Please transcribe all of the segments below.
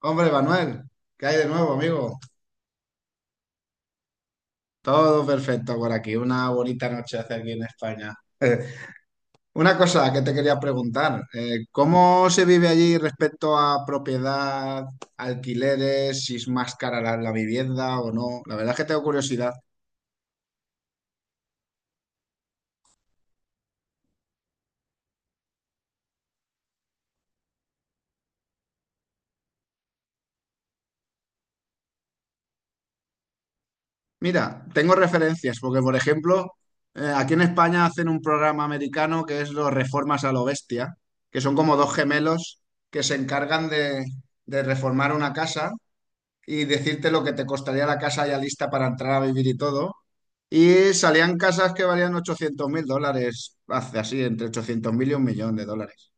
Hombre, Manuel, ¿qué hay de nuevo, amigo? Todo perfecto por aquí. Una bonita noche hace aquí en España. Una cosa que te quería preguntar, ¿cómo se vive allí respecto a propiedad, alquileres, si es más cara la vivienda o no? La verdad es que tengo curiosidad. Mira, tengo referencias, porque por ejemplo, aquí en España hacen un programa americano que es los Reformas a lo Bestia, que son como dos gemelos que se encargan de reformar una casa y decirte lo que te costaría la casa ya lista para entrar a vivir y todo. Y salían casas que valían 800 mil dólares, hace así, entre 800 mil y un millón de dólares.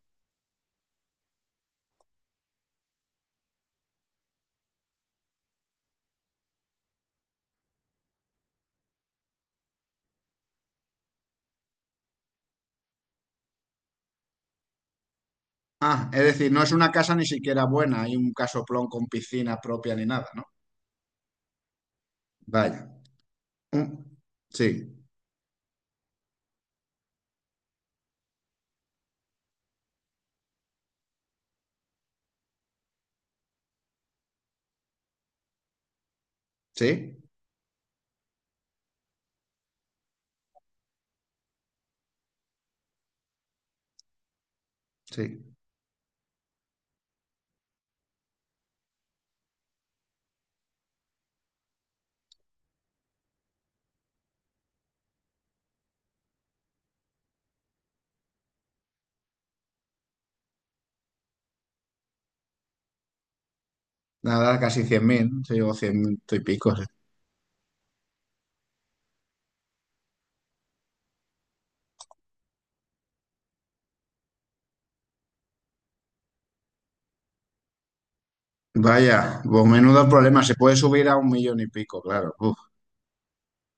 Ah, es decir, no es una casa ni siquiera buena, hay un casoplón con piscina propia ni nada, ¿no? Vaya. Mm, Sí, sí, sí. Nada, casi 100 mil, sí, o 100 y pico. Sí. Vaya, pues menudo problema, se puede subir a un millón y pico, claro. Uf.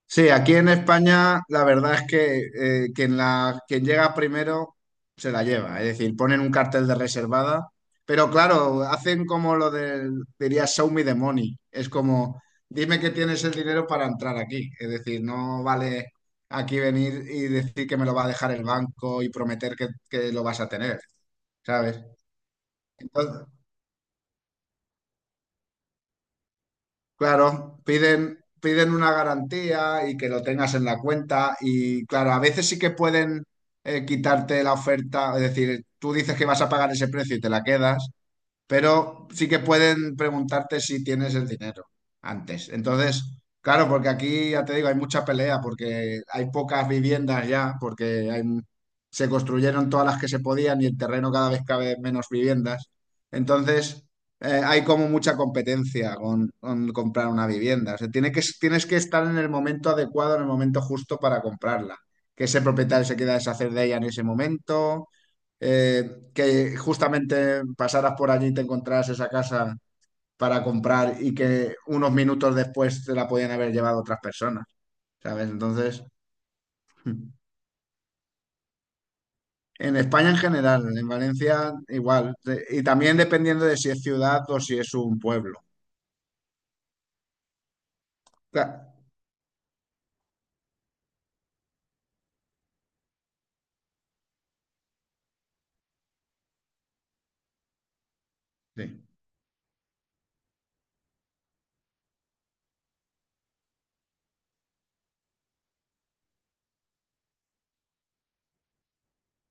Sí, aquí en España la verdad es que quien, quien llega primero se la lleva, es decir, ponen un cartel de reservada, pero claro, hacen como lo del, diría, show me the money, es como, dime que tienes el dinero para entrar aquí, es decir, no vale aquí venir y decir que me lo va a dejar el banco y prometer que lo vas a tener, ¿sabes? Claro, piden, piden una garantía y que lo tengas en la cuenta y claro, a veces sí que pueden quitarte la oferta, es decir, tú dices que vas a pagar ese precio y te la quedas, pero sí que pueden preguntarte si tienes el dinero antes. Entonces, claro, porque aquí ya te digo, hay mucha pelea, porque hay pocas viviendas ya, se construyeron todas las que se podían y el terreno cada vez cabe menos viviendas. Entonces, hay como mucha competencia con comprar una vivienda. O sea, tiene que, tienes que estar en el momento adecuado, en el momento justo para comprarla. Que ese propietario se quiera deshacer de ella en ese momento que justamente pasaras por allí y te encontraras esa casa para comprar y que unos minutos después te la podían haber llevado otras personas, ¿sabes? Entonces, en España en general, en Valencia igual, y también dependiendo de si es ciudad o si es un pueblo. Cla- Sí,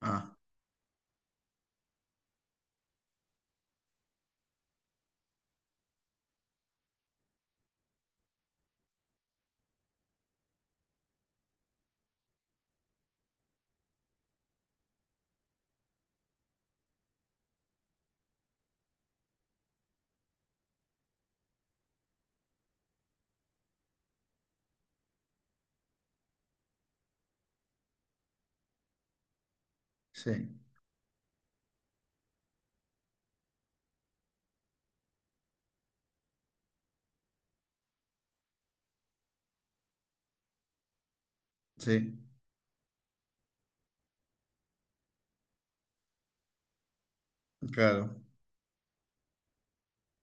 ah, sí, sí, claro.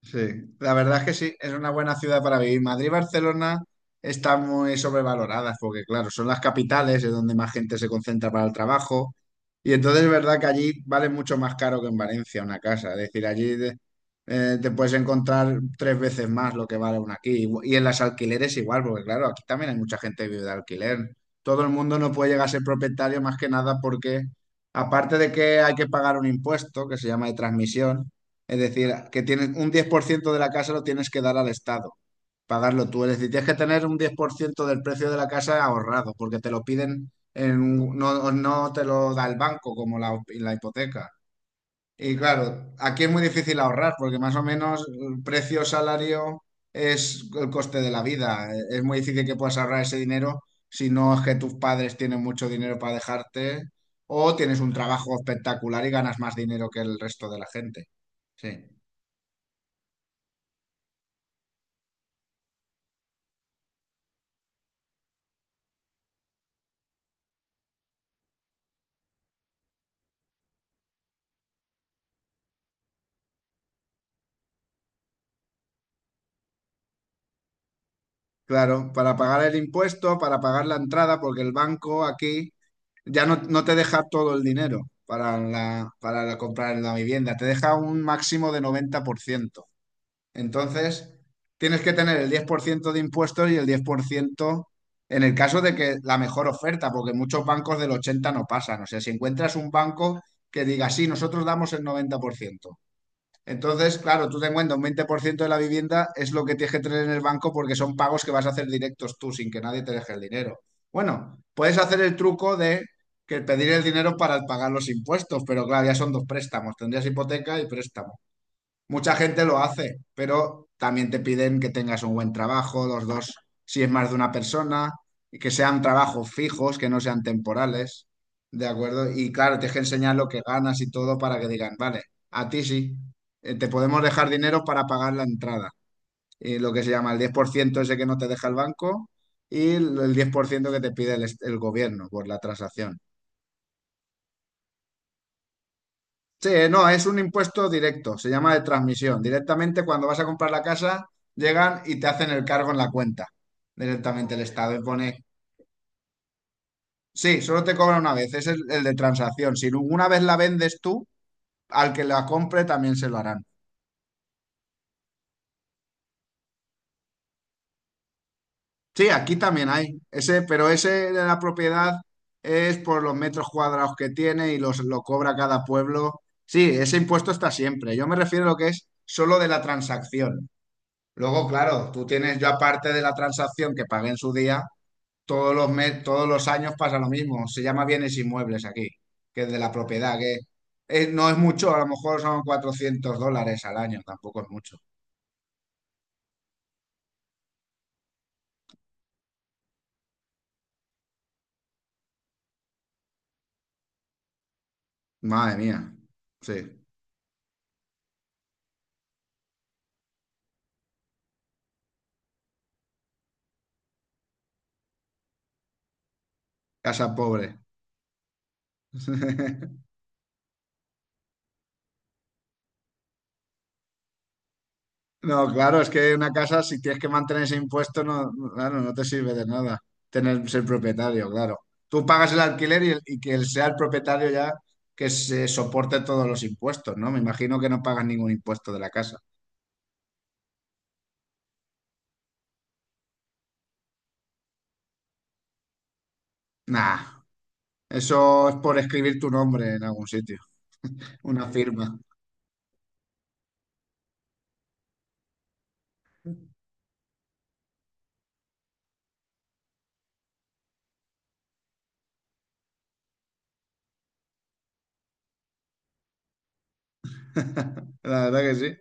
Sí, la verdad es que sí, es una buena ciudad para vivir. Madrid y Barcelona están muy sobrevaloradas porque, claro, son las capitales, es donde más gente se concentra para el trabajo. Y entonces es verdad que allí vale mucho más caro que en Valencia una casa. Es decir, te puedes encontrar tres veces más lo que vale una aquí. Y en las alquileres igual, porque, claro, aquí también hay mucha gente que vive de alquiler. Todo el mundo no puede llegar a ser propietario más que nada porque, aparte de que hay que pagar un impuesto que se llama de transmisión, es decir, que tienes un 10% de la casa lo tienes que dar al Estado, pagarlo tú. Es decir, tienes que tener un 10% del precio de la casa ahorrado, porque te lo piden, no, no te lo da el banco como la hipoteca. Y claro, aquí es muy difícil ahorrar, porque más o menos el precio salario es el coste de la vida. Es muy difícil que puedas ahorrar ese dinero si no es que tus padres tienen mucho dinero para dejarte o tienes un trabajo espectacular y ganas más dinero que el resto de la gente. Sí. Claro, para pagar el impuesto, para pagar la entrada, porque el banco aquí ya no, no te deja todo el dinero comprar la vivienda, te deja un máximo de 90%. Entonces, tienes que tener el 10% de impuestos y el 10% en el caso de que la mejor oferta, porque muchos bancos del 80 no pasan. O sea, si encuentras un banco que diga, sí, nosotros damos el 90%. Entonces, claro, tú te cuenta, un 20% de la vivienda es lo que tienes que tener en el banco porque son pagos que vas a hacer directos tú sin que nadie te deje el dinero. Bueno, puedes hacer el truco de que pedir el dinero para pagar los impuestos, pero claro, ya son dos préstamos, tendrías hipoteca y préstamo. Mucha gente lo hace, pero también te piden que tengas un buen trabajo, los dos, si es más de una persona, y que sean trabajos fijos, que no sean temporales, ¿de acuerdo? Y claro, tienes que enseñar lo que ganas y todo para que digan, vale, a ti sí, te podemos dejar dinero para pagar la entrada, y lo que se llama el 10% ese que no te deja el banco y el 10% que te pide el gobierno por la transacción. Sí, no, es un impuesto directo, se llama de transmisión. Directamente cuando vas a comprar la casa, llegan y te hacen el cargo en la cuenta. Directamente el Estado y pone, sí, solo te cobra una vez, es el de transacción. Si una vez la vendes tú, al que la compre también se lo harán. Sí, aquí también hay ese, pero ese de la propiedad es por los metros cuadrados que tiene y los, lo cobra cada pueblo. Sí, ese impuesto está siempre. Yo me refiero a lo que es solo de la transacción. Luego, claro, tú tienes, yo aparte de la transacción que pagué en su día, todos los mes, todos los años pasa lo mismo. Se llama bienes inmuebles aquí, que es de la propiedad, que no es mucho, a lo mejor son 400 dólares al año, tampoco es mucho. Madre mía, sí, casa pobre. No, claro, es que una casa, si tienes que mantener ese impuesto, no, no, claro, no te sirve de nada tener ser propietario, claro. Tú pagas el alquiler y, y que él sea el propietario ya que se soporte todos los impuestos, ¿no? Me imagino que no pagas ningún impuesto de la casa. Nah, eso es por escribir tu nombre en algún sitio, una firma. La verdad que sí,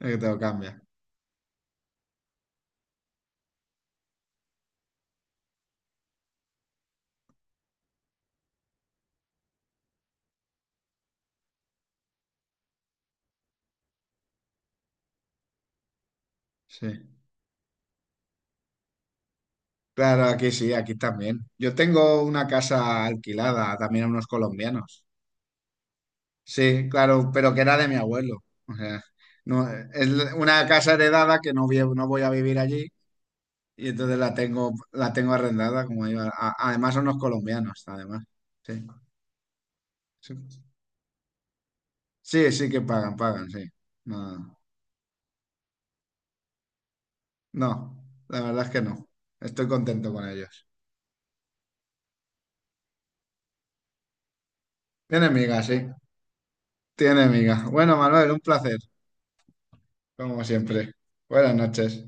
es que te lo cambia. Sí. Claro, aquí sí, aquí también. Yo tengo una casa alquilada también a unos colombianos. Sí, claro, pero que era de mi abuelo. O sea, no, es una casa heredada que no, no voy a vivir allí y entonces la tengo arrendada, como digo. Además son los colombianos, además. Sí, sí, sí, sí que pagan, pagan, sí. No, no, la verdad es que no. Estoy contento con ellos. Tiene miga, sí, tiene miga. Bueno, Manuel, un placer, como siempre. Buenas noches.